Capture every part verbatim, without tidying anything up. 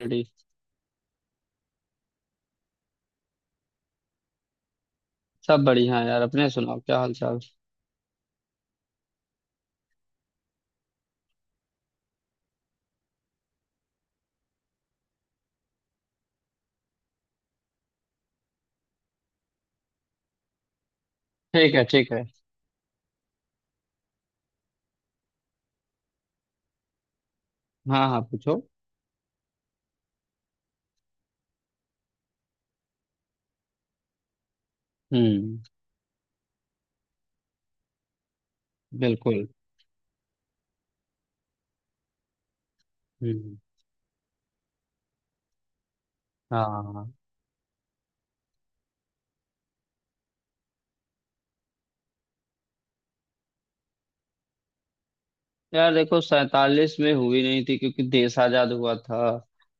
Ready. सब बढ़िया है यार, अपने सुनाओ क्या हाल चाल। ठीक है, ठीक है। हाँ हाँ, पूछो। हम्म। बिल्कुल। हम्म। हाँ हाँ, हाँ। यार देखो, सैतालीस में हुई नहीं थी क्योंकि देश आजाद हुआ था।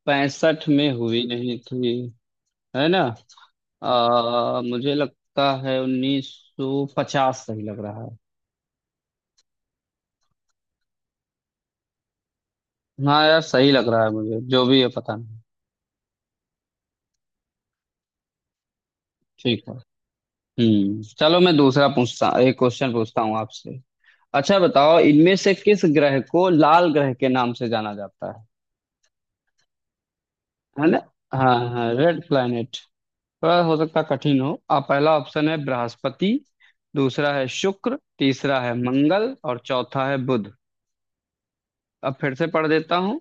पैंसठ में हुई नहीं थी, है ना। आ, मुझे लगता है उन्नीस सौ पचास सही लग रहा है। हाँ यार, सही लग रहा है मुझे, जो भी है पता नहीं। ठीक है। हम्म चलो मैं दूसरा पूछता एक क्वेश्चन पूछता हूँ आपसे। अच्छा बताओ, इनमें से किस ग्रह को लाल ग्रह के नाम से जाना जाता है है ना। हाँ हाँ, रेड प्लैनेट। थोड़ा हो सकता है कठिन हो। आ, पहला ऑप्शन है बृहस्पति, दूसरा है शुक्र, तीसरा है मंगल और चौथा है बुध। अब फिर से पढ़ देता हूँ।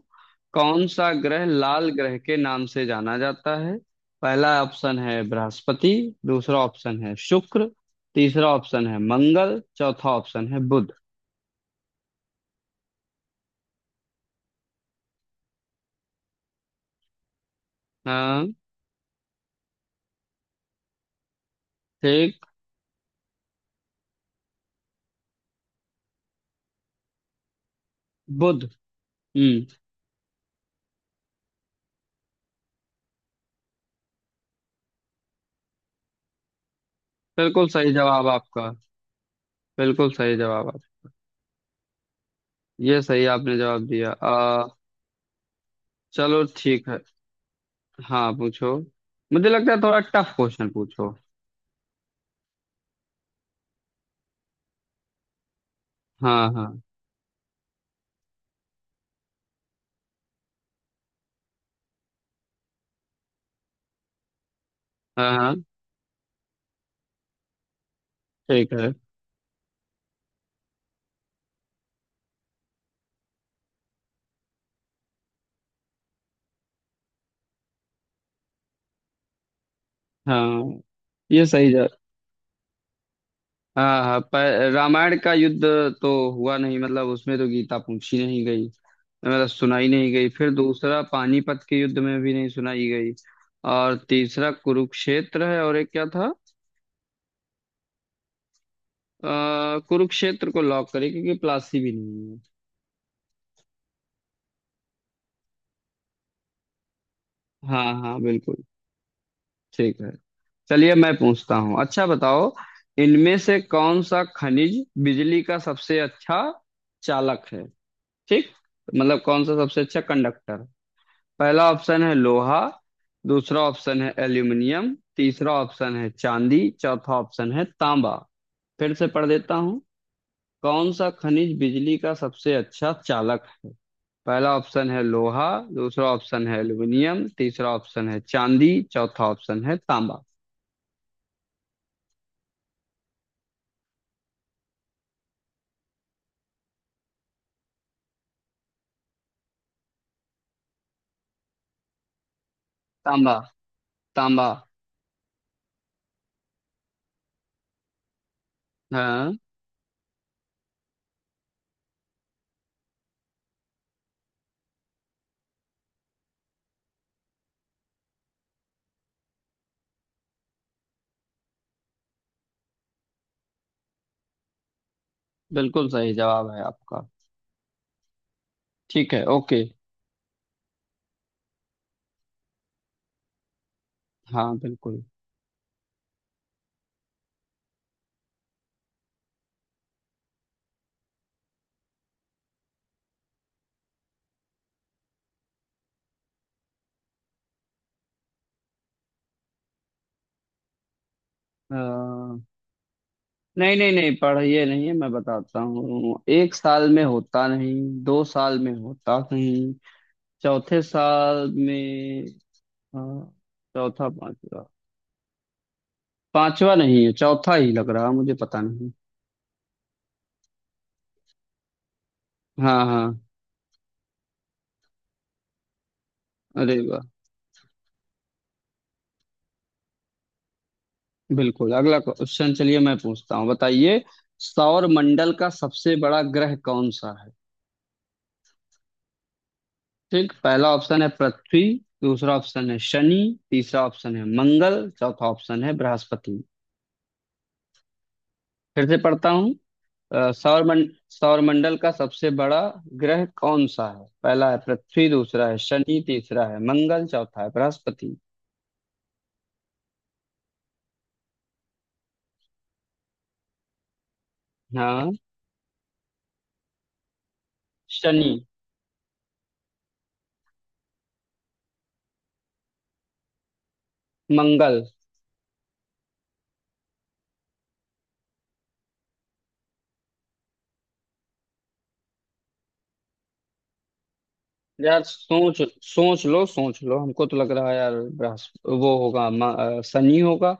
कौन सा ग्रह लाल ग्रह के नाम से जाना जाता है। पहला ऑप्शन है बृहस्पति, दूसरा ऑप्शन है शुक्र, तीसरा ऑप्शन है मंगल, चौथा ऑप्शन है बुध। हाँ। ठीक। बुध। हम्म। बिल्कुल सही जवाब आपका। बिल्कुल सही जवाब आप, ये सही आपने जवाब दिया। आ, चलो ठीक है। हाँ पूछो। मुझे लगता है थोड़ा टफ क्वेश्चन पूछो। हाँ हाँ। हाँ हाँ। ठीक है। हाँ, ये सही जवाब। हाँ हाँ, पर रामायण का युद्ध तो हुआ नहीं, मतलब उसमें तो गीता पूछी नहीं गई, मतलब सुनाई नहीं गई। फिर दूसरा पानीपत के युद्ध में भी नहीं सुनाई गई। और तीसरा कुरुक्षेत्र है, और एक क्या था। अ, कुरुक्षेत्र को लॉक करें क्योंकि प्लासी भी नहीं है। हाँ हाँ, बिल्कुल। ठीक है। चलिए मैं पूछता हूँ। अच्छा बताओ, इनमें से कौन सा खनिज बिजली का सबसे अच्छा चालक है। ठीक, मतलब कौन सा सबसे अच्छा कंडक्टर। पहला ऑप्शन है लोहा, दूसरा ऑप्शन है एल्यूमिनियम, तीसरा ऑप्शन है चांदी, चौथा ऑप्शन है तांबा। फिर से पढ़ देता हूँ। कौन सा खनिज बिजली का सबसे अच्छा चालक है। पहला ऑप्शन है लोहा, दूसरा ऑप्शन है एल्यूमिनियम, तीसरा ऑप्शन है चांदी, चौथा ऑप्शन है तांबा। तांबा। तांबा। हाँ, बिल्कुल सही जवाब है आपका। ठीक है, ओके। हाँ बिल्कुल। अ, नहीं नहीं नहीं पढ़िए, नहीं है, मैं बताता हूँ। एक साल में होता नहीं, दो साल में होता नहीं, चौथे साल में। अ, चौथा, पांचवा। पांचवा नहीं है, चौथा ही लग रहा, मुझे पता नहीं। हाँ हाँ। अरे वाह। बिल्कुल। अगला क्वेश्चन, चलिए मैं पूछता हूँ। बताइए, सौर मंडल का सबसे बड़ा ग्रह कौन सा है। ठीक। पहला ऑप्शन है पृथ्वी, दूसरा ऑप्शन है शनि, तीसरा ऑप्शन है मंगल, चौथा ऑप्शन है बृहस्पति। फिर से पढ़ता हूँ। अ, सौर मंड सौरमंडल का सबसे बड़ा ग्रह कौन सा है। पहला है पृथ्वी, दूसरा है शनि, तीसरा है मंगल, चौथा है बृहस्पति। हाँ। शनि। मंगल। यार सोच सोच लो, सोच लो, हमको तो लग रहा है यार बृहस्पति वो होगा। म- अ, शनि होगा।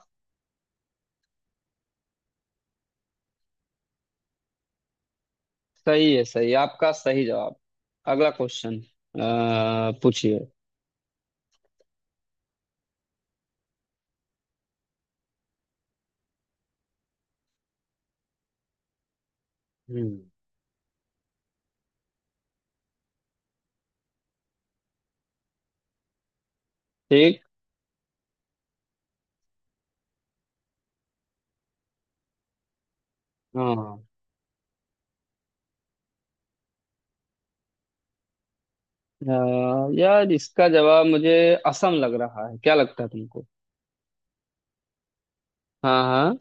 सही है, सही आपका सही जवाब। अगला क्वेश्चन पूछिए। हम्म। ठीक। हाँ। अ, यार इसका जवाब मुझे असम लग रहा है, क्या लगता है तुमको। हाँ हाँ।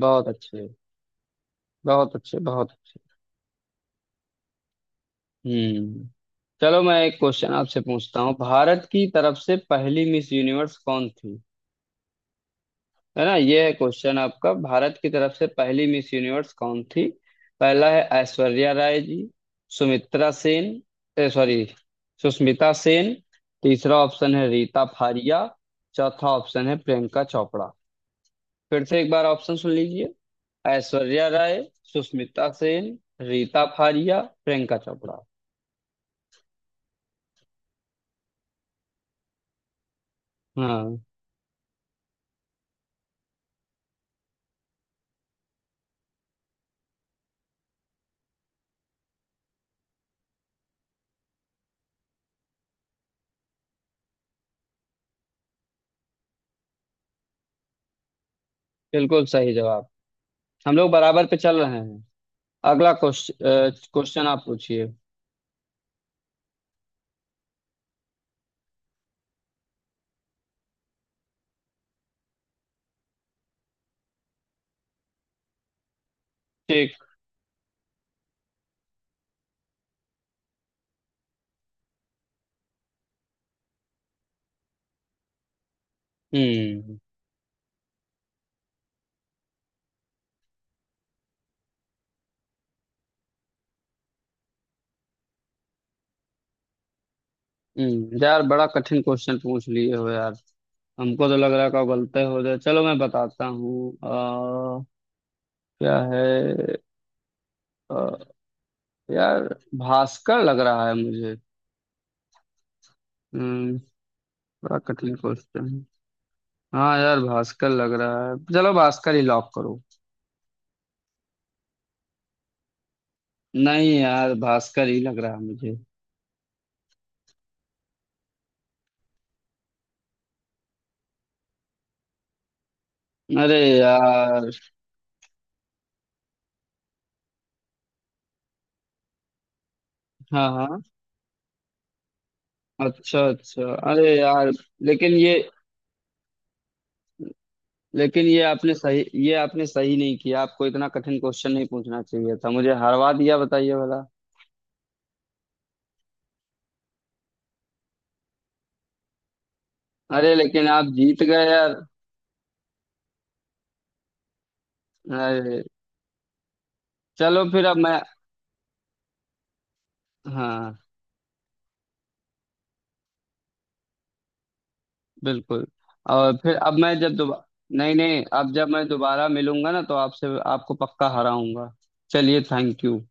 बहुत अच्छे। बहुत अच्छे, बहुत अच्छे। हम्म। चलो मैं एक क्वेश्चन आपसे पूछता हूँ। भारत की तरफ से पहली मिस यूनिवर्स कौन थी, है ना। ये है क्वेश्चन आपका। भारत की तरफ से पहली मिस यूनिवर्स कौन थी। पहला है ऐश्वर्या राय जी, सुमित्रा सेन ए सॉरी सुष्मिता सेन, तीसरा ऑप्शन है रीता फारिया, चौथा ऑप्शन है प्रियंका चोपड़ा। फिर से एक बार ऑप्शन सुन लीजिए। ऐश्वर्या राय, सुष्मिता सेन, रीता फारिया, प्रियंका चोपड़ा। हाँ, बिल्कुल सही जवाब। हम लोग बराबर पे चल रहे हैं। अगला क्वेश्चन क्वेश्चन आप पूछिए। ठीक। हम्म। हम्म यार, बड़ा कठिन क्वेश्चन पूछ लिए हो यार। हमको तो लग रहा है का गलते हो जाए। चलो मैं बताता हूँ। अ, क्या है। अ, यार भास्कर लग रहा है मुझे। हम्म। बड़ा कठिन क्वेश्चन। हाँ यार, भास्कर लग रहा है, चलो भास्कर ही लॉक करो। नहीं यार, भास्कर ही लग रहा है मुझे। अरे यार। हाँ हाँ। अच्छा अच्छा, अरे यार। लेकिन ये लेकिन ये आपने सही ये आपने सही नहीं किया, आपको इतना कठिन क्वेश्चन नहीं पूछना चाहिए था, मुझे हरवा दिया, बताइए भला। अरे लेकिन आप जीत गए यार। अरे। चलो फिर अब मैं, हाँ बिल्कुल। और फिर अब मैं जब दोबारा नहीं नहीं, अब जब मैं दोबारा मिलूंगा ना तो आपसे, आपको पक्का हराऊंगा। चलिए थैंक यू।